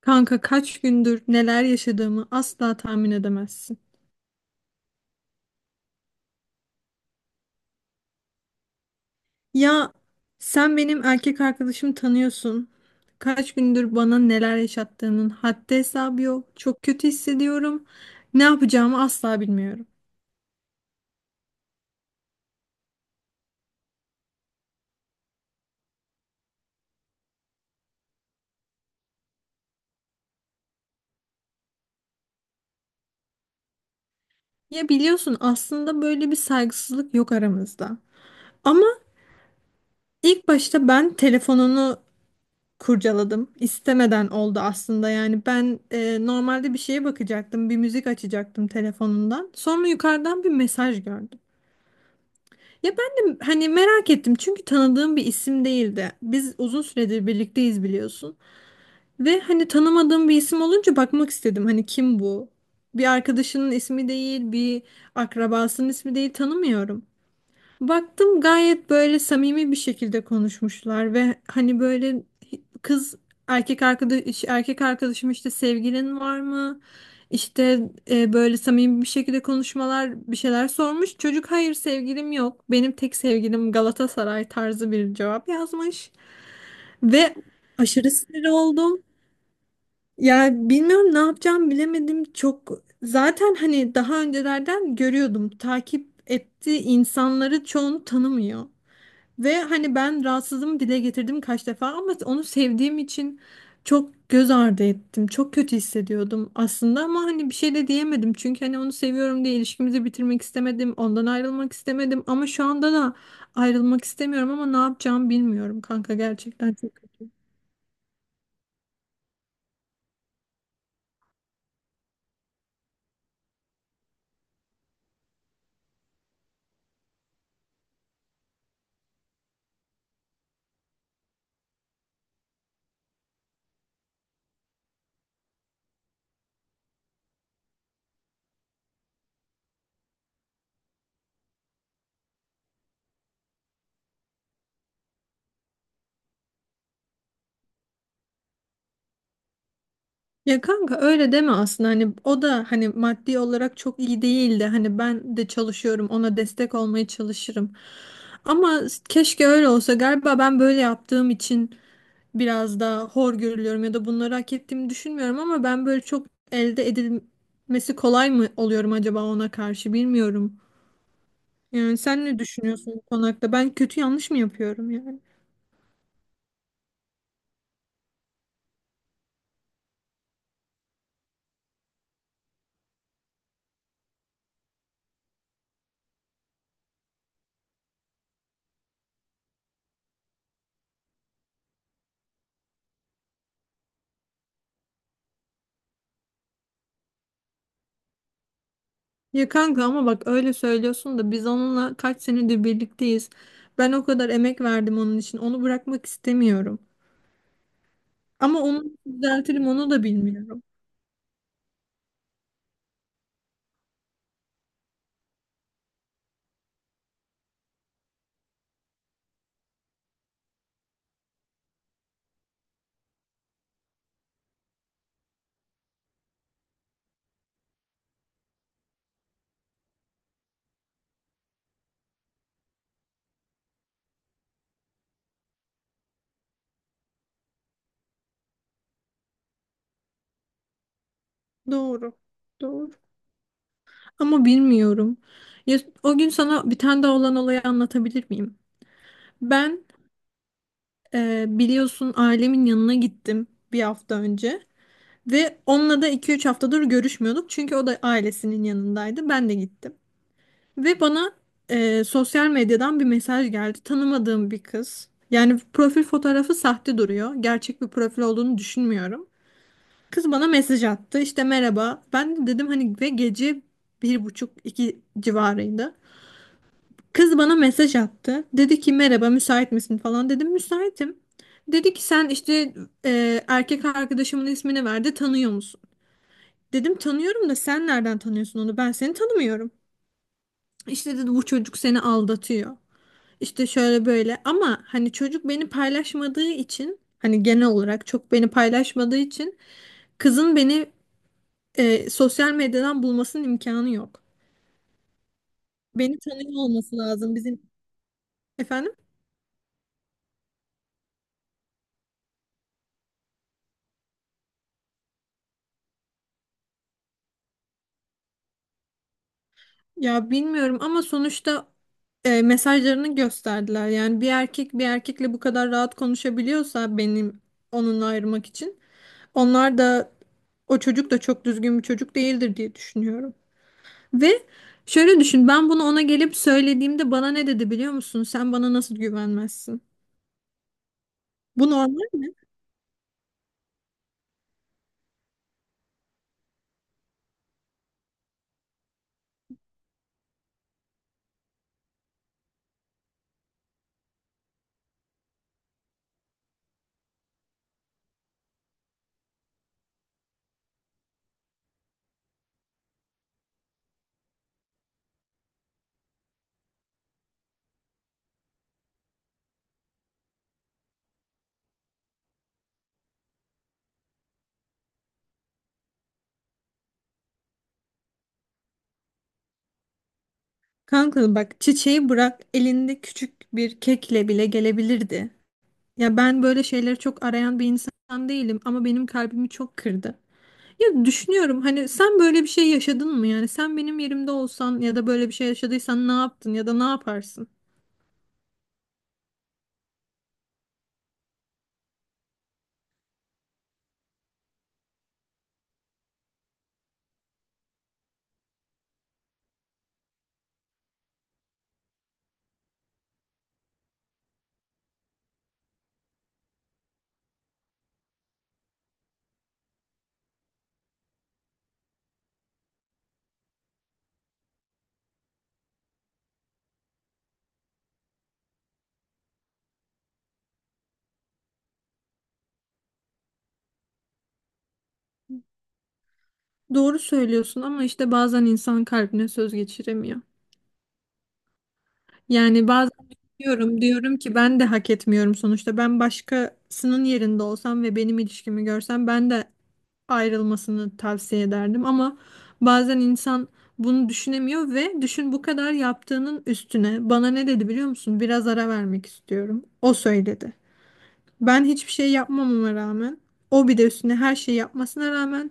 Kanka kaç gündür neler yaşadığımı asla tahmin edemezsin. Ya sen benim erkek arkadaşımı tanıyorsun. Kaç gündür bana neler yaşattığının haddi hesabı yok. Çok kötü hissediyorum. Ne yapacağımı asla bilmiyorum. Ya biliyorsun aslında böyle bir saygısızlık yok aramızda. Ama ilk başta ben telefonunu kurcaladım. İstemeden oldu aslında. Yani ben normalde bir şeye bakacaktım, bir müzik açacaktım telefonundan. Sonra yukarıdan bir mesaj gördüm. Ya ben de hani merak ettim çünkü tanıdığım bir isim değildi. Biz uzun süredir birlikteyiz biliyorsun. Ve hani tanımadığım bir isim olunca bakmak istedim. Hani kim bu? Bir arkadaşının ismi değil, bir akrabasının ismi değil tanımıyorum. Baktım gayet böyle samimi bir şekilde konuşmuşlar ve hani böyle kız erkek arkadaşım işte sevgilin var mı? İşte böyle samimi bir şekilde konuşmalar bir şeyler sormuş. Çocuk hayır sevgilim yok. Benim tek sevgilim Galatasaray tarzı bir cevap yazmış ve aşırı sinir oldum. Ya bilmiyorum ne yapacağım bilemedim çok. Zaten hani daha öncelerden görüyordum takip ettiği insanları çoğunu tanımıyor. Ve hani ben rahatsızlığımı dile getirdim kaç defa ama onu sevdiğim için çok göz ardı ettim. Çok kötü hissediyordum aslında ama hani bir şey de diyemedim. Çünkü hani onu seviyorum diye ilişkimizi bitirmek istemedim. Ondan ayrılmak istemedim ama şu anda da ayrılmak istemiyorum ama ne yapacağımı bilmiyorum kanka, gerçekten çok kötü. Ya kanka öyle deme, aslında hani o da hani maddi olarak çok iyi değildi. Hani ben de çalışıyorum, ona destek olmaya çalışırım. Ama keşke öyle olsa. Galiba ben böyle yaptığım için biraz daha hor görülüyorum ya da bunları hak ettiğimi düşünmüyorum ama ben böyle çok elde edilmesi kolay mı oluyorum acaba ona karşı, bilmiyorum. Yani sen ne düşünüyorsun bu konu hakkında? Ben kötü, yanlış mı yapıyorum yani? Ya kanka ama bak öyle söylüyorsun da biz onunla kaç senedir birlikteyiz. Ben o kadar emek verdim onun için. Onu bırakmak istemiyorum. Ama onu düzeltirim onu da bilmiyorum. Doğru. Doğru. Ama bilmiyorum. Ya, o gün sana bir tane daha olan olayı anlatabilir miyim? Ben Biliyorsun ailemin yanına gittim bir hafta önce ve onunla da iki üç haftadır görüşmüyorduk çünkü o da ailesinin yanındaydı, ben de gittim ve bana sosyal medyadan bir mesaj geldi. Tanımadığım bir kız, yani profil fotoğrafı sahte duruyor, gerçek bir profil olduğunu düşünmüyorum. Kız bana mesaj attı, işte merhaba, ben de dedim hani ve gece bir buçuk iki civarıydı. Kız bana mesaj attı. Dedi ki merhaba müsait misin, falan dedim müsaitim. Dedi ki sen işte erkek arkadaşımın ismini verdi, tanıyor musun? Dedim tanıyorum da sen nereden tanıyorsun onu, ben seni tanımıyorum. İşte dedi bu çocuk seni aldatıyor. İşte şöyle böyle, ama hani çocuk beni paylaşmadığı için, hani genel olarak çok beni paylaşmadığı için kızın beni sosyal medyadan bulmasının imkanı yok. Beni tanıyor olması lazım bizim, efendim. Ya bilmiyorum ama sonuçta mesajlarını gösterdiler. Yani bir erkek bir erkekle bu kadar rahat konuşabiliyorsa, benim onunla ayırmak için onlar da, o çocuk da çok düzgün bir çocuk değildir diye düşünüyorum. Ve şöyle düşün, ben bunu ona gelip söylediğimde bana ne dedi biliyor musun? Sen bana nasıl güvenmezsin? Bu normal mi? Kanka bak, çiçeği bırak, elinde küçük bir kekle bile gelebilirdi. Ya ben böyle şeyleri çok arayan bir insan değilim ama benim kalbimi çok kırdı. Ya düşünüyorum, hani sen böyle bir şey yaşadın mı, yani sen benim yerimde olsan ya da böyle bir şey yaşadıysan ne yaptın ya da ne yaparsın? Doğru söylüyorsun ama işte bazen insan kalbine söz geçiremiyor. Yani bazen diyorum ki ben de hak etmiyorum. Sonuçta ben başkasının yerinde olsam ve benim ilişkimi görsem ben de ayrılmasını tavsiye ederdim ama bazen insan bunu düşünemiyor. Ve düşün, bu kadar yaptığının üstüne bana ne dedi biliyor musun? Biraz ara vermek istiyorum. O söyledi. Ben hiçbir şey yapmamama rağmen, o bir de üstüne her şeyi yapmasına rağmen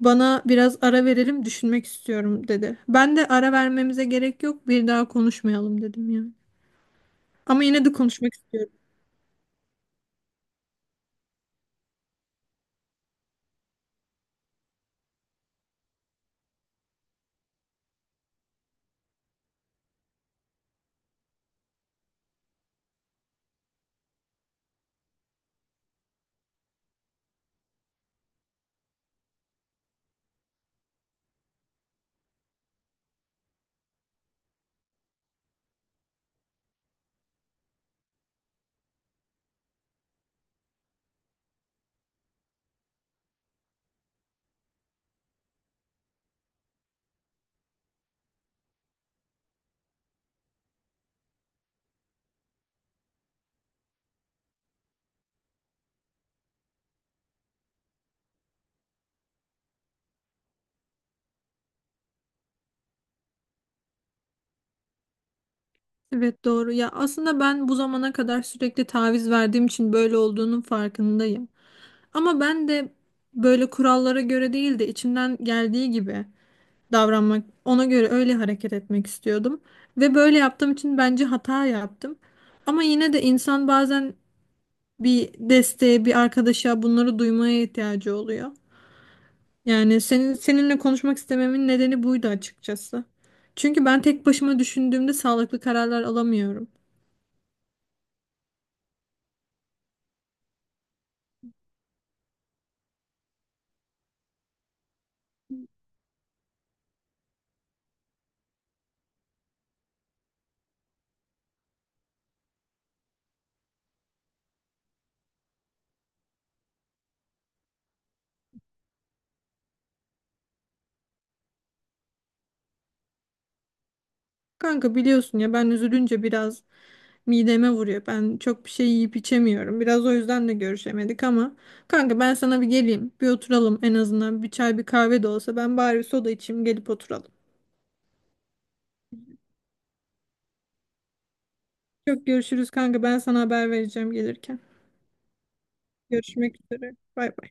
bana biraz ara verelim, düşünmek istiyorum dedi. Ben de ara vermemize gerek yok, bir daha konuşmayalım dedim yani. Ama yine de konuşmak istiyorum. Evet doğru ya, aslında ben bu zamana kadar sürekli taviz verdiğim için böyle olduğunun farkındayım. Ama ben de böyle kurallara göre değil de içimden geldiği gibi davranmak, ona göre öyle hareket etmek istiyordum. Ve böyle yaptığım için bence hata yaptım. Ama yine de insan bazen bir desteğe, bir arkadaşa bunları duymaya ihtiyacı oluyor. Yani senin seninle konuşmak istememin nedeni buydu açıkçası. Çünkü ben tek başıma düşündüğümde sağlıklı kararlar alamıyorum. Kanka biliyorsun ya, ben üzülünce biraz mideme vuruyor. Ben çok bir şey yiyip içemiyorum. Biraz o yüzden de görüşemedik ama kanka ben sana bir geleyim. Bir oturalım en azından. Bir çay bir kahve de olsa, ben bari bir soda içeyim, gelip oturalım. Çok görüşürüz kanka. Ben sana haber vereceğim gelirken. Görüşmek üzere. Bay bay.